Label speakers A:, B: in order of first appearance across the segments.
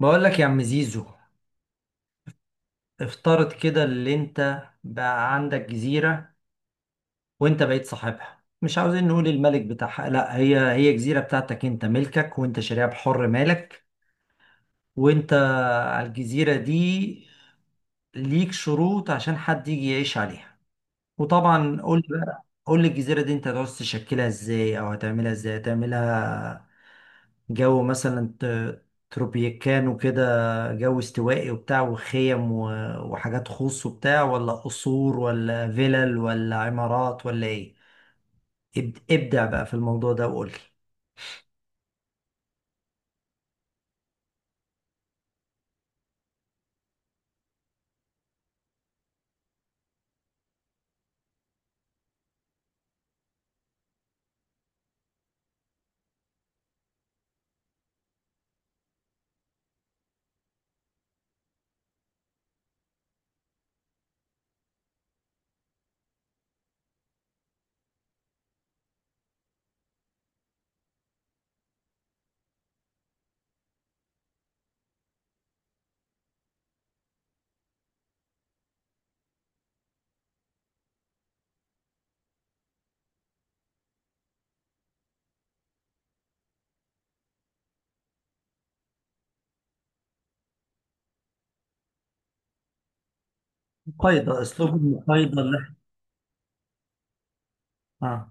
A: بقول لك يا عم زيزو، افترض كده اللي انت بقى عندك جزيرة وانت بقيت صاحبها. مش عاوزين نقول الملك بتاعها، لا، هي جزيرة بتاعتك انت، ملكك وانت شاريها بحر مالك. وانت على الجزيرة دي ليك شروط عشان حد يجي يعيش عليها. وطبعا قول لي بقى، قول لي الجزيرة دي انت هتعوز تشكلها ازاي او هتعملها ازاي؟ هتعملها جو مثلا تروبيكانو كده، جو استوائي وبتاع وخيم وحاجات خاص وبتاع، ولا قصور ولا فيلل ولا عمارات ولا ايه؟ ابدع بقى في الموضوع ده وقول لي. مقايضة، اسلوب المقايضة اللي احنا. اه،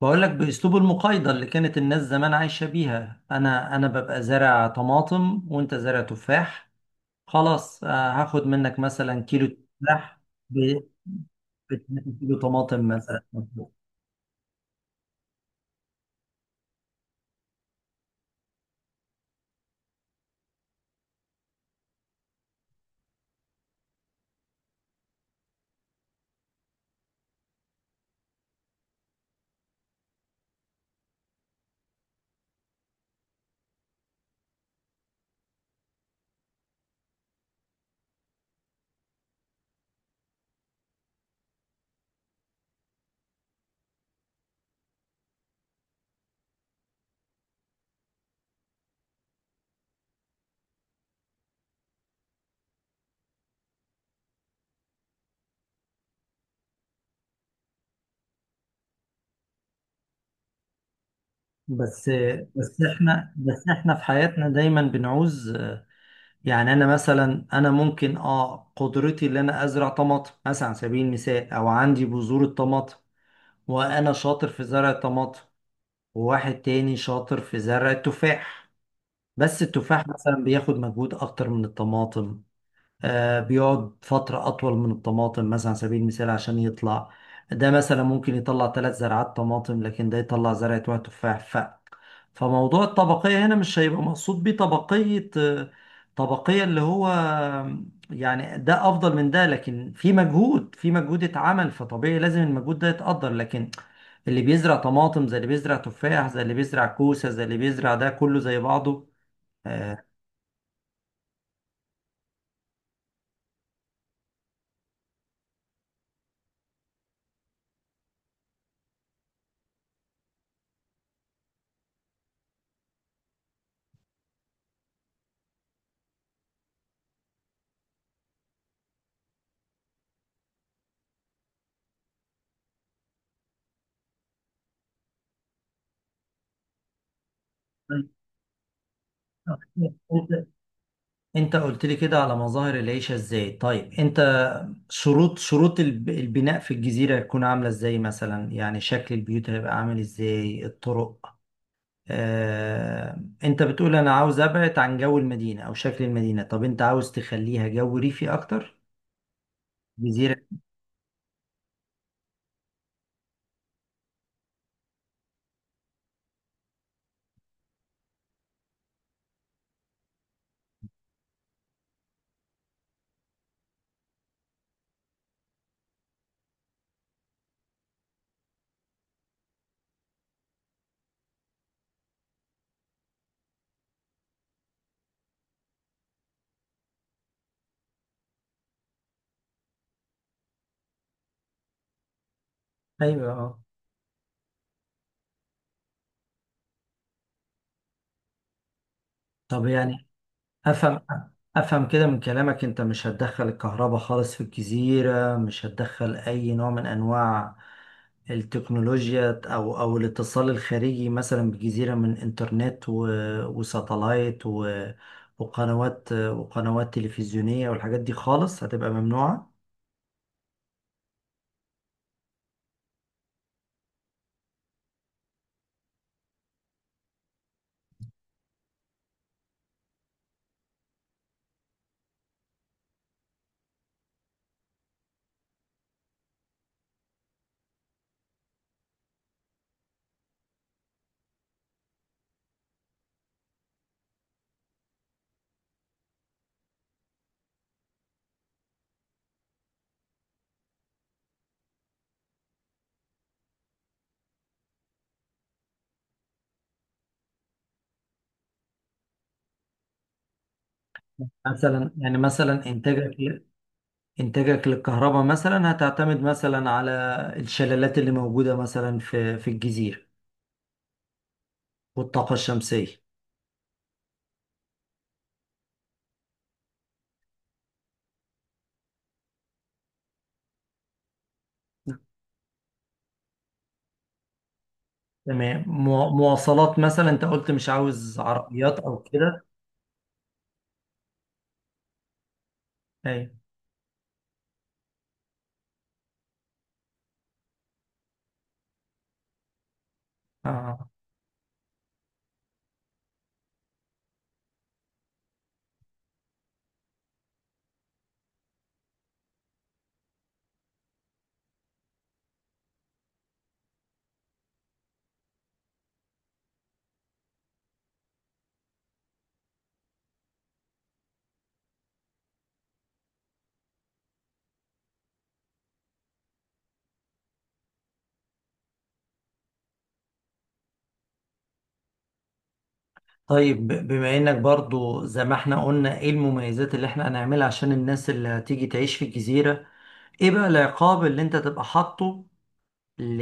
A: بقول لك باسلوب المقايضة اللي كانت الناس زمان عايشة بيها. انا ببقى زارع طماطم وانت زارع تفاح، خلاص، آه، هاخد منك مثلا كيلو تفاح ب كيلو طماطم مثلا. بس بس احنا، بس احنا في حياتنا دايما بنعوز. يعني انا مثلا، ممكن اه قدرتي ان انا ازرع طماطم مثلا على سبيل المثال، او عندي بذور الطماطم وانا شاطر في زرع الطماطم، وواحد تاني شاطر في زرع التفاح. بس التفاح مثلا بياخد مجهود اكتر من الطماطم، آه، بيقعد فترة أطول من الطماطم مثلا على سبيل المثال عشان يطلع. ده مثلا ممكن يطلع ثلاث زرعات طماطم لكن ده يطلع زرعة واحد تفاح. فموضوع الطبقية هنا مش هيبقى مقصود بيه طبقية، آه، طبقية اللي هو آه، يعني ده أفضل من ده، لكن في مجهود، في مجهود اتعمل، فطبيعي لازم المجهود ده يتقدر. لكن اللي بيزرع طماطم زي اللي بيزرع تفاح زي اللي بيزرع كوسة زي اللي بيزرع ده، كله زي بعضه. آه، انت قلت لي كده على مظاهر العيشة ازاي، طيب انت شروط، البناء في الجزيرة هتكون عاملة ازاي مثلا؟ يعني شكل البيوت هيبقى عامل ازاي؟ الطرق؟ آه، انت بتقول انا عاوز ابعد عن جو المدينة او شكل المدينة، طب انت عاوز تخليها جو ريفي اكتر؟ جزيرة. ايوه، اه. طب يعني افهم، كده من كلامك انت مش هتدخل الكهرباء خالص في الجزيرة؟ مش هتدخل اي نوع من انواع التكنولوجيا او او الاتصال الخارجي مثلا بالجزيرة، من انترنت وساتلايت وقنوات، وقنوات تلفزيونية والحاجات دي خالص هتبقى ممنوعة؟ مثلا يعني، مثلا انتاجك للكهرباء مثلا هتعتمد مثلا على الشلالات اللي موجودة مثلا في الجزيرة والطاقة الشمسية. تمام، مواصلات مثلا، انت قلت مش عاوز عربيات او كده. ايوه. آه. طيب، بما انك برضو زي ما احنا قلنا ايه المميزات اللي احنا هنعملها عشان الناس اللي هتيجي تعيش في الجزيرة، ايه بقى العقاب اللي انت تبقى حاطه ل...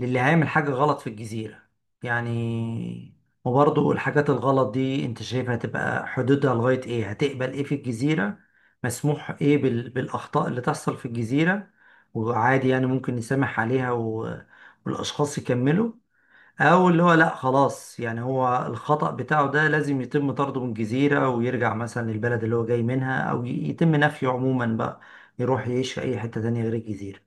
A: للي هيعمل حاجة غلط في الجزيرة؟ يعني وبرضه الحاجات الغلط دي انت شايفها تبقى حدودها لغاية ايه؟ هتقبل ايه في الجزيرة؟ مسموح ايه بال... بالأخطاء اللي تحصل في الجزيرة وعادي يعني ممكن نسامح عليها و... والأشخاص يكملوا؟ أو اللي هو لأ، خلاص، يعني هو الخطأ بتاعه ده لازم يتم طرده من الجزيرة ويرجع مثلا للبلد اللي هو جاي منها، أو يتم نفيه عموما بقى، يروح يعيش في أي حتة تانية غير الجزيرة؟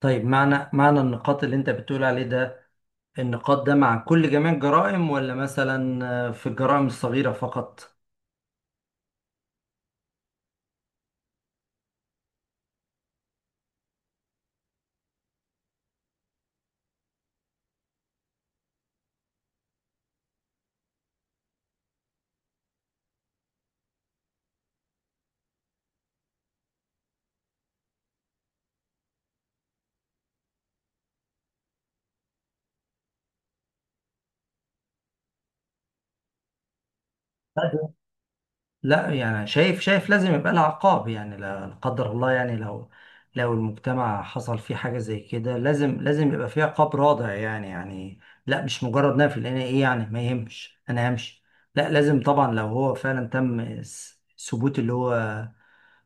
A: طيب معنى النقاط اللي انت بتقول عليه ده، النقاط ده مع كل جميع الجرائم ولا مثلا آه، في الجرائم الصغيرة فقط؟ لا ده- لا، يعني شايف لازم يبقى لها عقاب، يعني لا. لا قدر الله يعني، لو لو المجتمع حصل فيه حاجة زي كده لازم، يبقى فيه عقاب رادع، يعني يعني لا مش مجرد نفي، لان ايه يعني ما يهمش، انا همشي. لا، لازم طبعا لو هو فعلا تم ثبوت اللي هو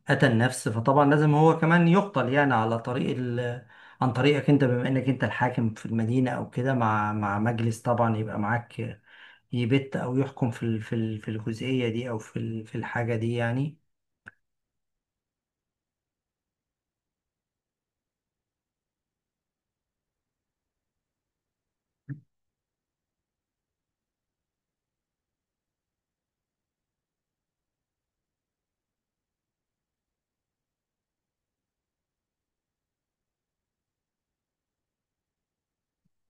A: أتى النفس، فطبعا لازم هو كمان يقتل يعني على طريق ال... عن طريقك أنت بما إنك أنت الحاكم في المدينة أو كده، مع، مجلس طبعا يبقى معاك، يبت أو يحكم في ال... في ال... في الجزئية دي أو في ال... في الحاجة دي يعني.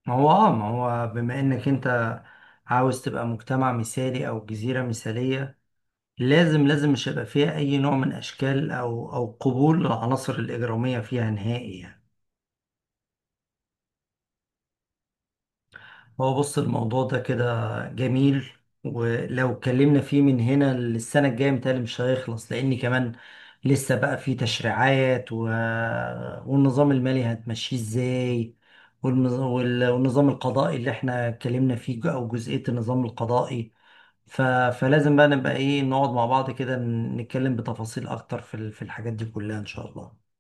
A: ما هو آه، ما هو بما إنك أنت عاوز تبقى مجتمع مثالي أو جزيرة مثالية، لازم، مش هيبقى فيها أي نوع من أشكال أو أو قبول العناصر الإجرامية فيها نهائي يعني. هو بص الموضوع ده كده جميل، ولو اتكلمنا فيه من هنا للسنة الجاية متهيألي مش هيخلص، لأن كمان لسه بقى فيه تشريعات و... والنظام المالي هتمشيه ازاي، والمز... وال... والنظام القضائي اللي احنا اتكلمنا فيه أو جزئية النظام القضائي، ف... فلازم بقى نبقى ايه، نقعد مع بعض كده نتكلم بتفاصيل أكتر في ال- في الحاجات دي كلها إن شاء الله.